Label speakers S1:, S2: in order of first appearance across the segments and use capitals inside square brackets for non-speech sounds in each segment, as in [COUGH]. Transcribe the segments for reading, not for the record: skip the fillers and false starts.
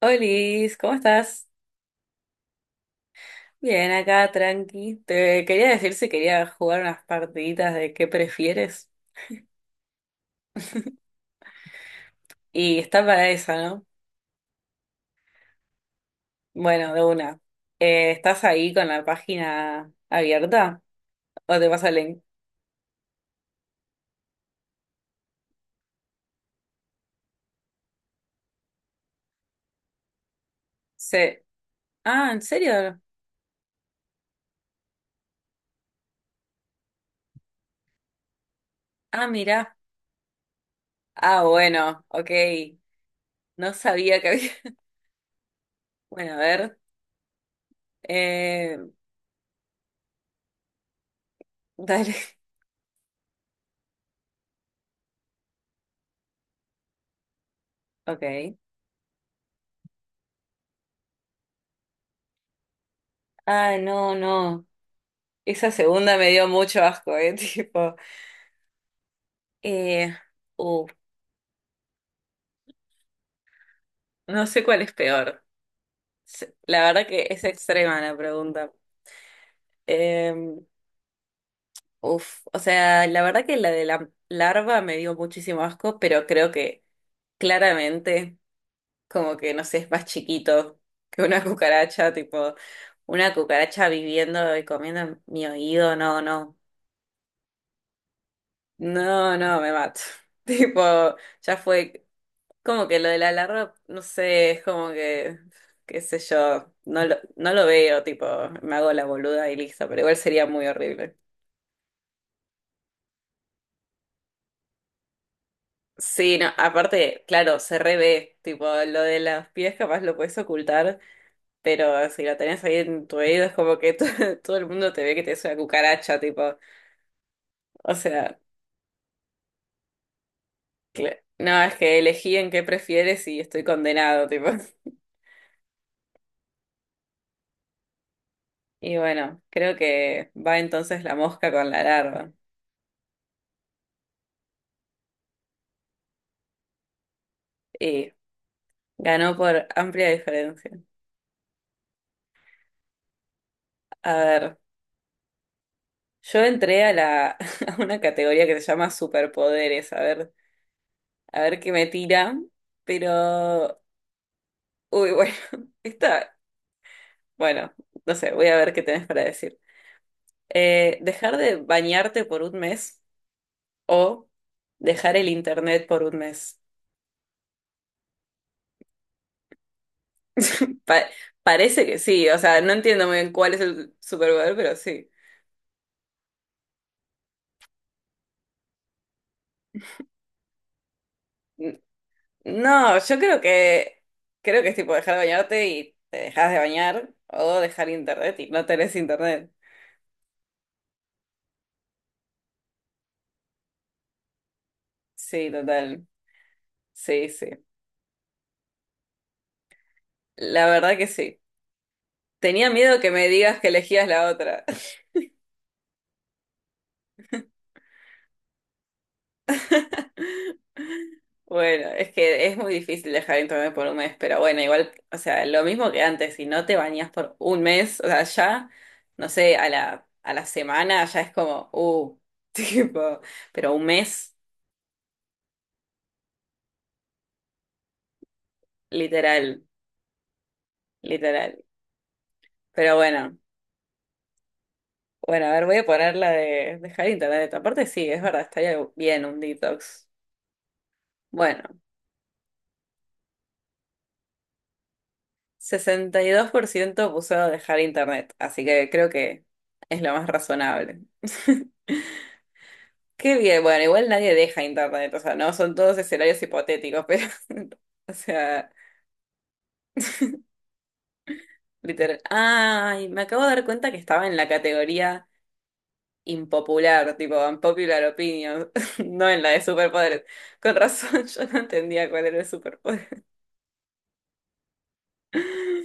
S1: Olis, ¿cómo estás? Bien, acá, tranqui. Te quería decir si quería jugar unas partiditas de qué prefieres. Y está para esa, ¿no? Bueno, de una. ¿Estás ahí con la página abierta? ¿O te pasa el link? Sí. Ah, ¿en serio? Ah, mirá. Ah, bueno, ok. No sabía que había. [LAUGHS] Bueno, a ver. Eh, dale. [LAUGHS] Ok. Ah, no, no. Esa segunda me dio mucho asco, ¿eh? [LAUGHS] Tipo. Eh. Uf. No sé cuál es peor. La verdad que es extrema la pregunta. Eh, uf, o sea, la verdad que la de la larva me dio muchísimo asco, pero creo que claramente, como que no sé, es más chiquito que una [LAUGHS] cucaracha, tipo, una cucaracha viviendo y comiendo en mi oído, no, no, no, no, me mato. [LAUGHS] Tipo, ya fue, como que lo de la larva, no sé, es como que, qué sé yo, no lo veo, tipo, me hago la boluda y listo, pero igual sería muy horrible. Sí, no, aparte, claro, se revé, tipo, lo de las pies capaz lo puedes ocultar, pero si lo tenés ahí en tu oído es como que [LAUGHS] todo el mundo te ve que te es una cucaracha, tipo, o sea, no, es que elegí en qué prefieres y estoy condenado, tipo. [LAUGHS] Y bueno, creo que va entonces la mosca con la larva. Ganó por amplia diferencia. A ver, yo entré a la [LAUGHS] a una categoría que se llama superpoderes, a ver qué me tira, pero uy, bueno, [LAUGHS] está, bueno, no sé, voy a ver qué tenés para decir. Dejar de bañarte por un mes o dejar el internet por un mes. Pa- parece que sí, o sea, no entiendo muy bien cuál es el superpoder, pero sí. No, yo creo que es tipo dejar de bañarte y te dejas de bañar o dejar internet y no tenés internet. Sí, total. Sí, sí. La verdad que sí. Tenía miedo que me digas que elegías la otra. [LAUGHS] Bueno, es que es muy difícil dejar internet por un mes, pero bueno, igual, o sea, lo mismo que antes, si no te bañas por un mes, o sea, ya, no sé, a la semana ya es como, [LAUGHS] tipo, pero un mes, literal, literal. Pero bueno. Bueno, a ver, voy a poner la de dejar internet. Aparte, sí, es verdad, estaría bien un detox. Bueno, 62% puso dejar internet, así que creo que es lo más razonable. [LAUGHS] Qué bien, bueno, igual nadie deja internet, o sea, no son todos escenarios hipotéticos, pero, [LAUGHS] o sea, literal. Ay, me acabo de dar cuenta que estaba en la categoría impopular, tipo unpopular opinion, [LAUGHS] no en la de superpoderes. Con razón, [LAUGHS] yo no entendía cuál era el superpoder. [LAUGHS]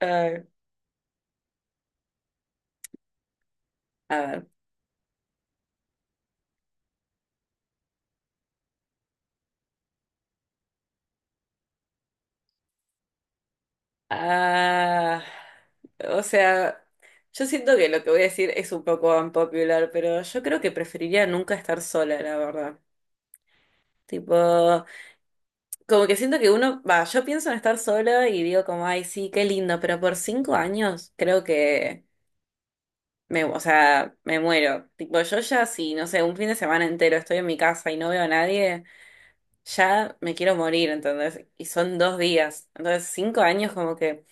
S1: Ay, a ver. Ah, o sea, yo siento que lo que voy a decir es un poco unpopular, pero yo creo que preferiría nunca estar sola, la verdad. Tipo, como que siento que uno, va, yo pienso en estar sola y digo como, ay, sí, qué lindo, pero por 5 años creo que me, o sea, me muero. Tipo, yo ya si, no sé, un fin de semana entero estoy en mi casa y no veo a nadie, ya me quiero morir, entonces, y son 2 días. Entonces, 5 años como que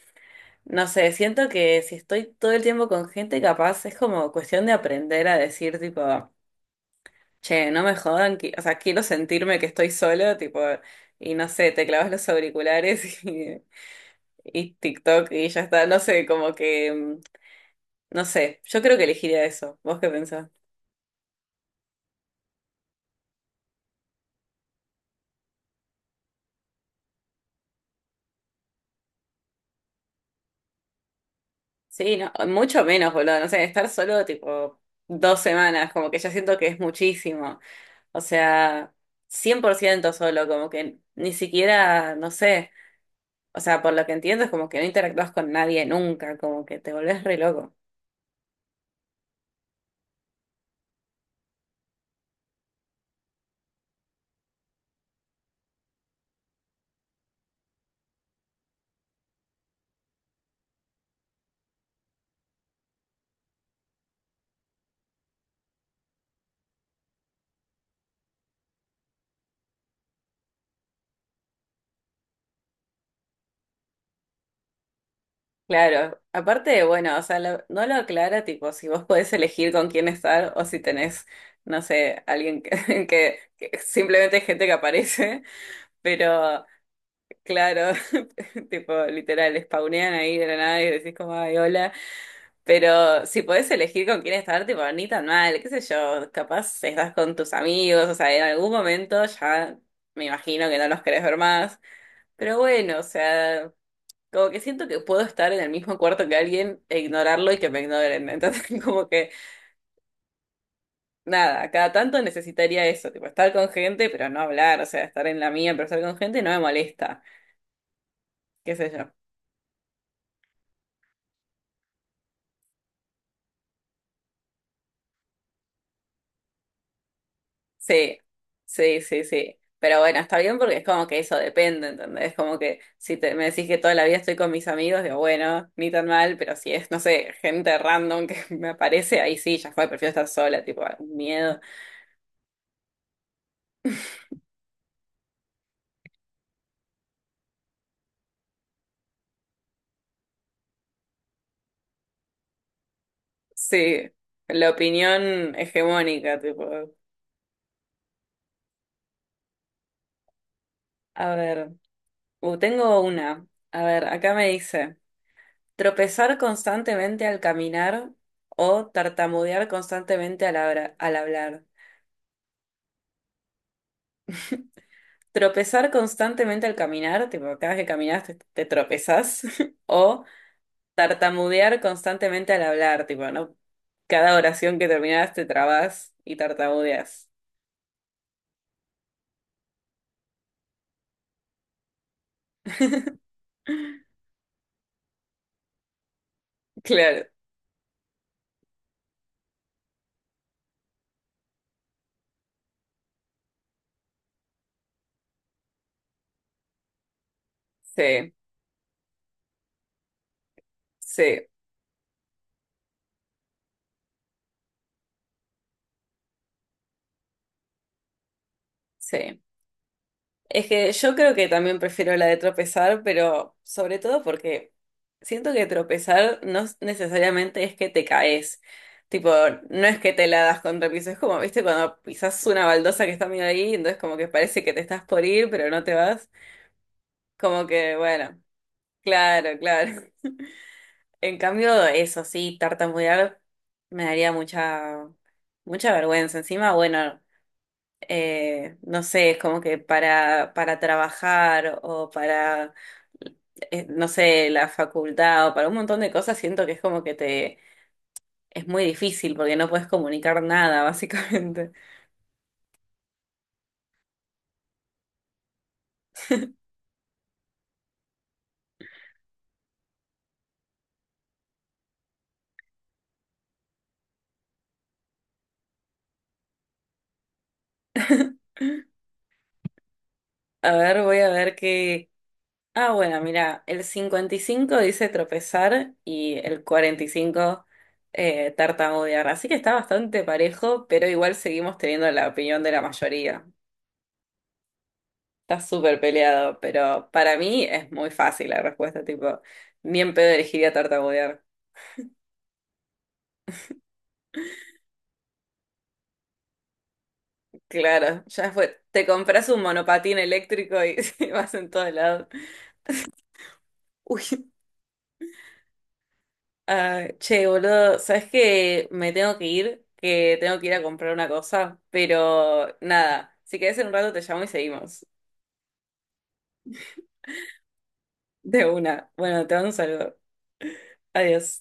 S1: no sé, siento que si estoy todo el tiempo con gente capaz, es como cuestión de aprender a decir, tipo, che, no me jodan, o sea, quiero sentirme que estoy solo, tipo, y no sé, te clavas los auriculares [LAUGHS] y TikTok y ya está, no sé, como que, no sé, yo creo que elegiría eso. ¿Vos qué pensás? Sí, no, mucho menos, boludo, no sé, estar solo, tipo, 2 semanas, como que ya siento que es muchísimo. O sea, 100% solo, como que ni siquiera, no sé. O sea, por lo que entiendo es como que no interactúas con nadie nunca, como que te volvés re loco. Claro, aparte, bueno, o sea, no lo aclara tipo si vos [LAUGHS] podés elegir con quién estar o si tenés, no sé, alguien [LAUGHS] que simplemente es gente que aparece, pero claro, [LAUGHS] tipo literal, spawnean ahí de la nada y decís como, ay, hola, pero si podés elegir con quién estar, tipo, ni tan mal, qué sé yo, capaz estás con tus amigos, o sea, en algún momento ya me imagino que no los querés ver más. Pero bueno, o sea, como que siento que puedo estar en el mismo cuarto que alguien e ignorarlo y que me ignoren. Entonces, [LAUGHS] como que nada, cada tanto necesitaría eso, tipo estar con gente, pero no hablar, o sea, estar en la mía, pero estar con gente no me molesta, qué sé yo. Sí, sí, sí, sí. Pero bueno, está bien porque es como que eso depende, ¿entendés? Como que si me decís que toda la vida estoy con mis amigos, digo, bueno, ni tan mal, pero si es, no sé, gente random que [LAUGHS] me aparece, ahí sí, ya fue, prefiero estar sola, tipo, miedo. Sí, la opinión hegemónica, tipo. A ver, tengo una. A ver, acá me dice, tropezar constantemente al caminar o tartamudear constantemente al hablar. Tropezar constantemente al caminar, tipo, cada vez que caminas te tropezás, [LAUGHS] o tartamudear constantemente al hablar, tipo, ¿no? Cada oración que terminás te trabas y tartamudeas. Claro, sí, sí, sí. Es que yo creo que también prefiero la de tropezar, pero sobre todo porque siento que tropezar no es- necesariamente es que te caes. Tipo, no es que te la das contra el piso, es como, viste, cuando pisas una baldosa que está medio ahí, entonces como que parece que te estás por ir, pero no te vas. Como que, bueno, claro, claro. [LAUGHS] En cambio, eso sí, tartamudear me daría mucha, mucha vergüenza. Encima, bueno, no sé, es como que para trabajar o para, no sé, la facultad o para un montón de cosas, siento que es como que te, es muy difícil porque no puedes comunicar nada, básicamente. [LAUGHS] A ver, voy a ver qué... Ah, bueno, mira, el 55 dice tropezar y el 45 tartamudear, así que está bastante parejo, pero igual seguimos teniendo la opinión de la mayoría. Está súper peleado, pero para mí es muy fácil la respuesta, tipo, ni en pedo elegiría tartamudear. Claro, ya fue. Te compras un monopatín eléctrico y [LAUGHS] vas en todos lados. Uy, ah, che, boludo, ¿sabes que me tengo que ir, que tengo que ir a comprar una cosa? Pero nada, si querés en un rato te llamo y seguimos. De una. Bueno, te mando un saludo. Adiós.